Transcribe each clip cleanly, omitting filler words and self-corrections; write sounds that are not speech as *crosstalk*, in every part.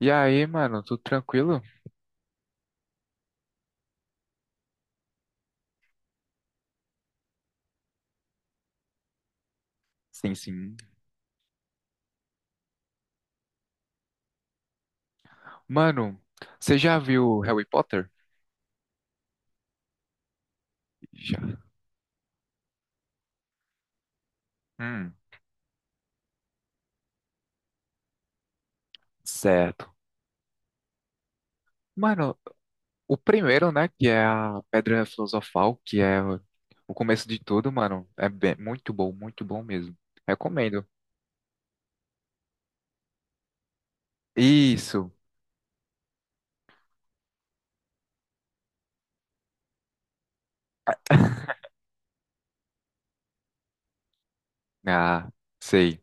E aí, mano, tudo tranquilo? Sim, sim. Mano, você já viu Harry Potter? Já. Hum, certo. Mano, o primeiro, né, que é a Pedra Filosofal, que é o começo de tudo, mano, é muito bom mesmo. Recomendo. Isso. Ah, sei.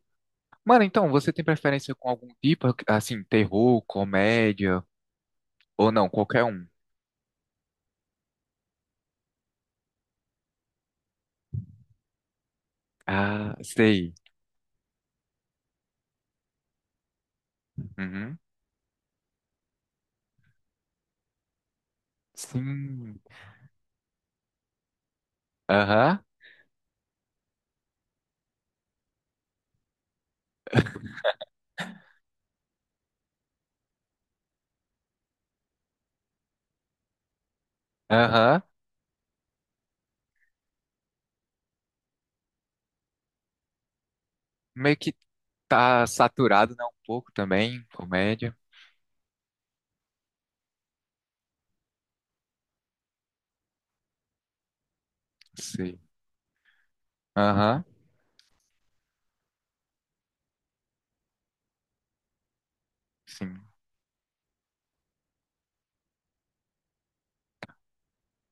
Mano, então, você tem preferência com algum tipo, assim, terror, comédia, ou não, qualquer um? Ah, sei. Uhum. Sim. Aham. Aham. Meio que tá saturado, né? Um pouco também, comédia. Sei. Aham, sim.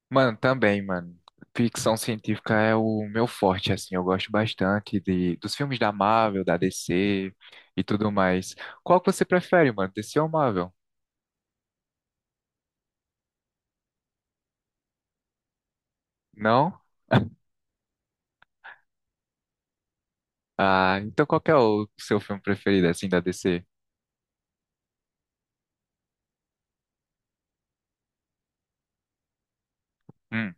Mano, também, mano. Ficção científica é o meu forte, assim. Eu gosto bastante dos filmes da Marvel, da DC e tudo mais. Qual que você prefere, mano? DC ou Marvel? Não? Ah, então qual que é o seu filme preferido, assim, da DC? Hum.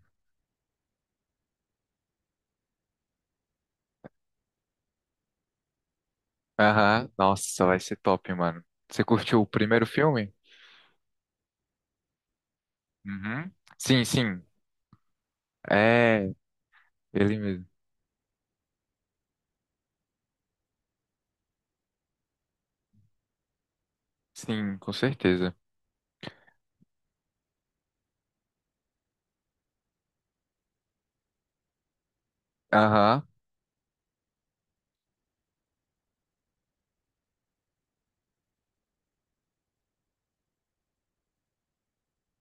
Aham. Nossa, vai ser top, mano. Você curtiu o primeiro filme? Uhum. Sim, sim. É, ele mesmo. Sim, com certeza. Aham.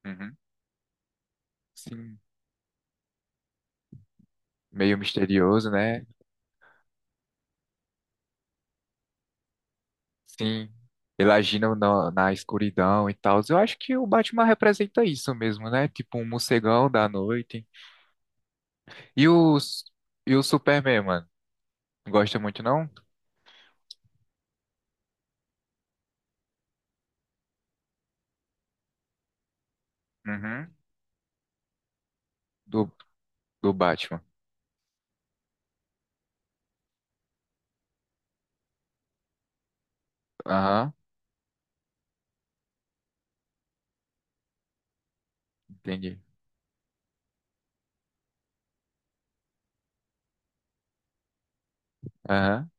Uhum. Sim, meio misterioso, né? Sim, ele agindo na, escuridão e tal. Eu acho que o Batman representa isso mesmo, né? Tipo um morcegão da noite. E os e o Superman, mano? Não gosta muito, não? Uhum. Do, do Batman. Aham, entendi. Aham,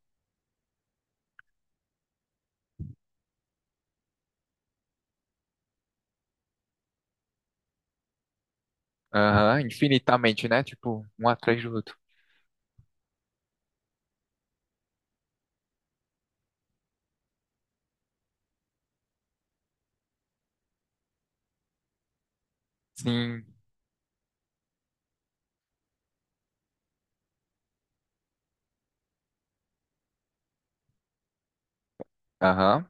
aham, infinitamente, né? Tipo, um atrás do outro. Sim, aham,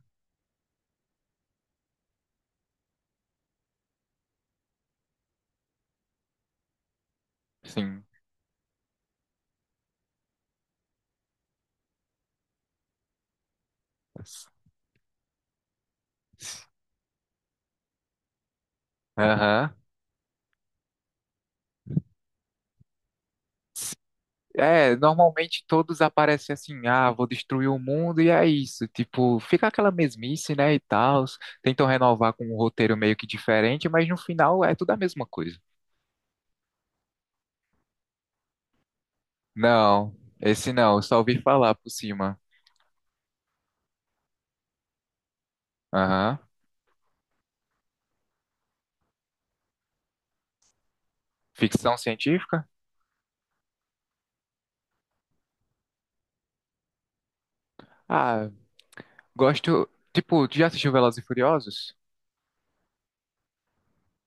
sim. Aham. É, normalmente todos aparecem assim, ah, vou destruir o mundo e é isso. Tipo, fica aquela mesmice, né, e tal. Tentam renovar com um roteiro meio que diferente, mas no final é tudo a mesma coisa. Não, esse não, eu só ouvi falar por cima. Aham. Ficção científica? Ah, gosto. Tipo, tu já assistiu Velozes e Furiosos?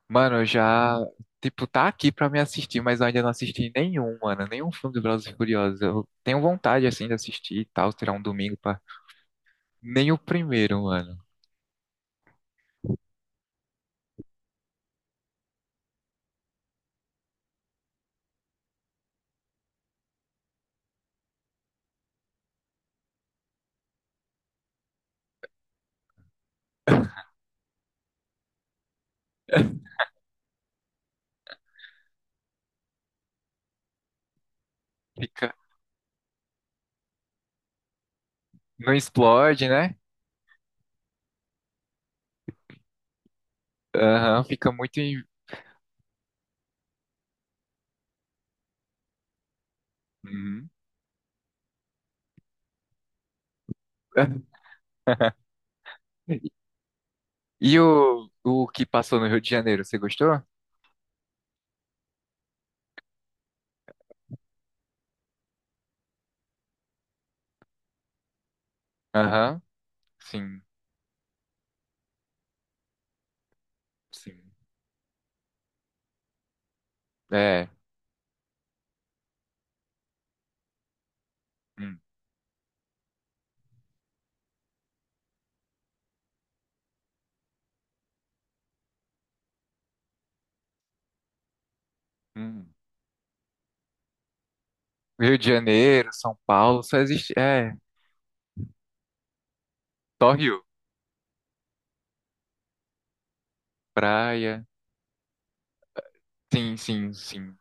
Mano, eu já. Tipo, tá aqui pra me assistir, mas eu ainda não assisti nenhum, mano. Nenhum filme do Velozes e Furiosos. Eu tenho vontade, assim, de assistir e tal, tirar um domingo pra. Nem o primeiro, mano. *laughs* Fica, não explode, né? Aham, fica muito Uhum. *laughs* E o que passou no Rio de Janeiro, você gostou? Aham, sim, sim. É, hum, hum. Rio de Janeiro, São Paulo, só existe, é, só Rio, praia, sim, sim, sim.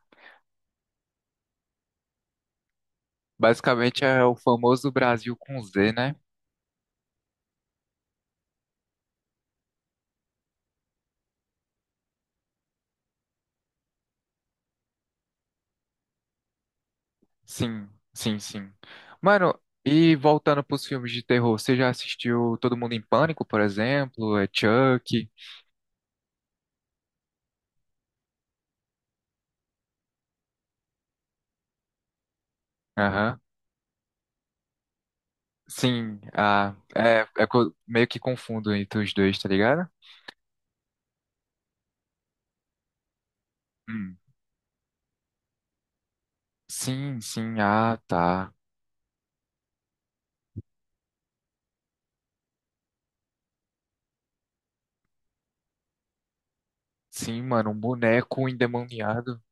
Basicamente é o famoso Brasil com Z, né? Sim, sim, sim. Mano, e voltando pros filmes de terror, você já assistiu Todo Mundo em Pânico, por exemplo? É Chuck? Aham. Sim, ah, é meio que confundo entre os dois, tá ligado? Hum. Sim, sim, ah, tá. Sim, mano, um boneco endemoniado.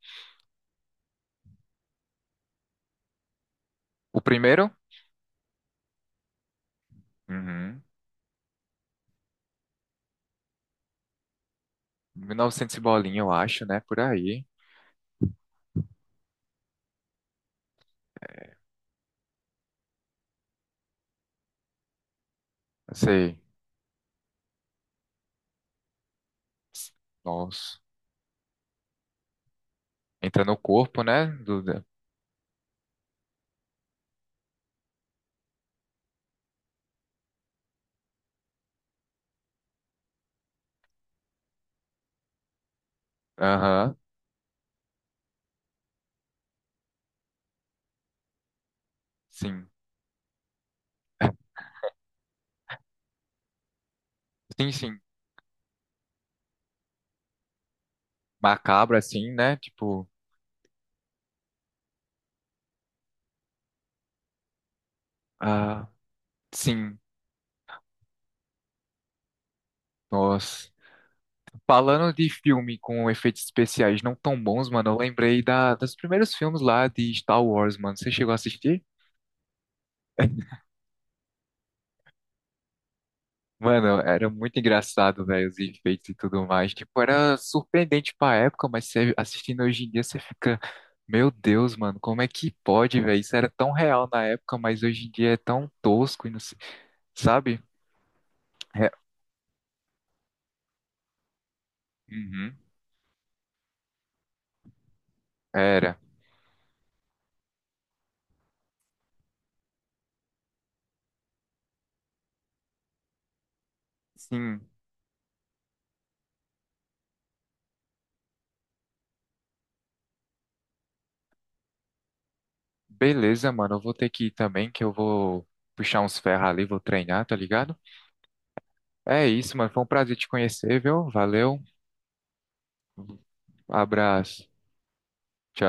O primeiro? Uhum. 1900 e novecentos e bolinha, eu acho, né? Por aí. Não sei. Nossa. Entra no corpo, né? Aham. Sim. Sim, sim. Macabro, assim, né? Tipo, ah, sim, nossa. Falando de filme com efeitos especiais não tão bons, mano, eu lembrei dos primeiros filmes lá de Star Wars, mano. Você chegou a assistir? *laughs* Mano, era muito engraçado, velho, os efeitos e tudo mais. Tipo, era surpreendente pra época, mas você assistindo hoje em dia, você fica, meu Deus, mano, como é que pode, velho? Isso era tão real na época, mas hoje em dia é tão tosco e não sei, sabe? É, uhum, era. Sim. Beleza, mano. Eu vou ter que ir também, que eu vou puxar uns ferros ali, vou treinar, tá ligado? É isso, mano. Foi um prazer te conhecer, viu? Valeu. Abraço. Tchau.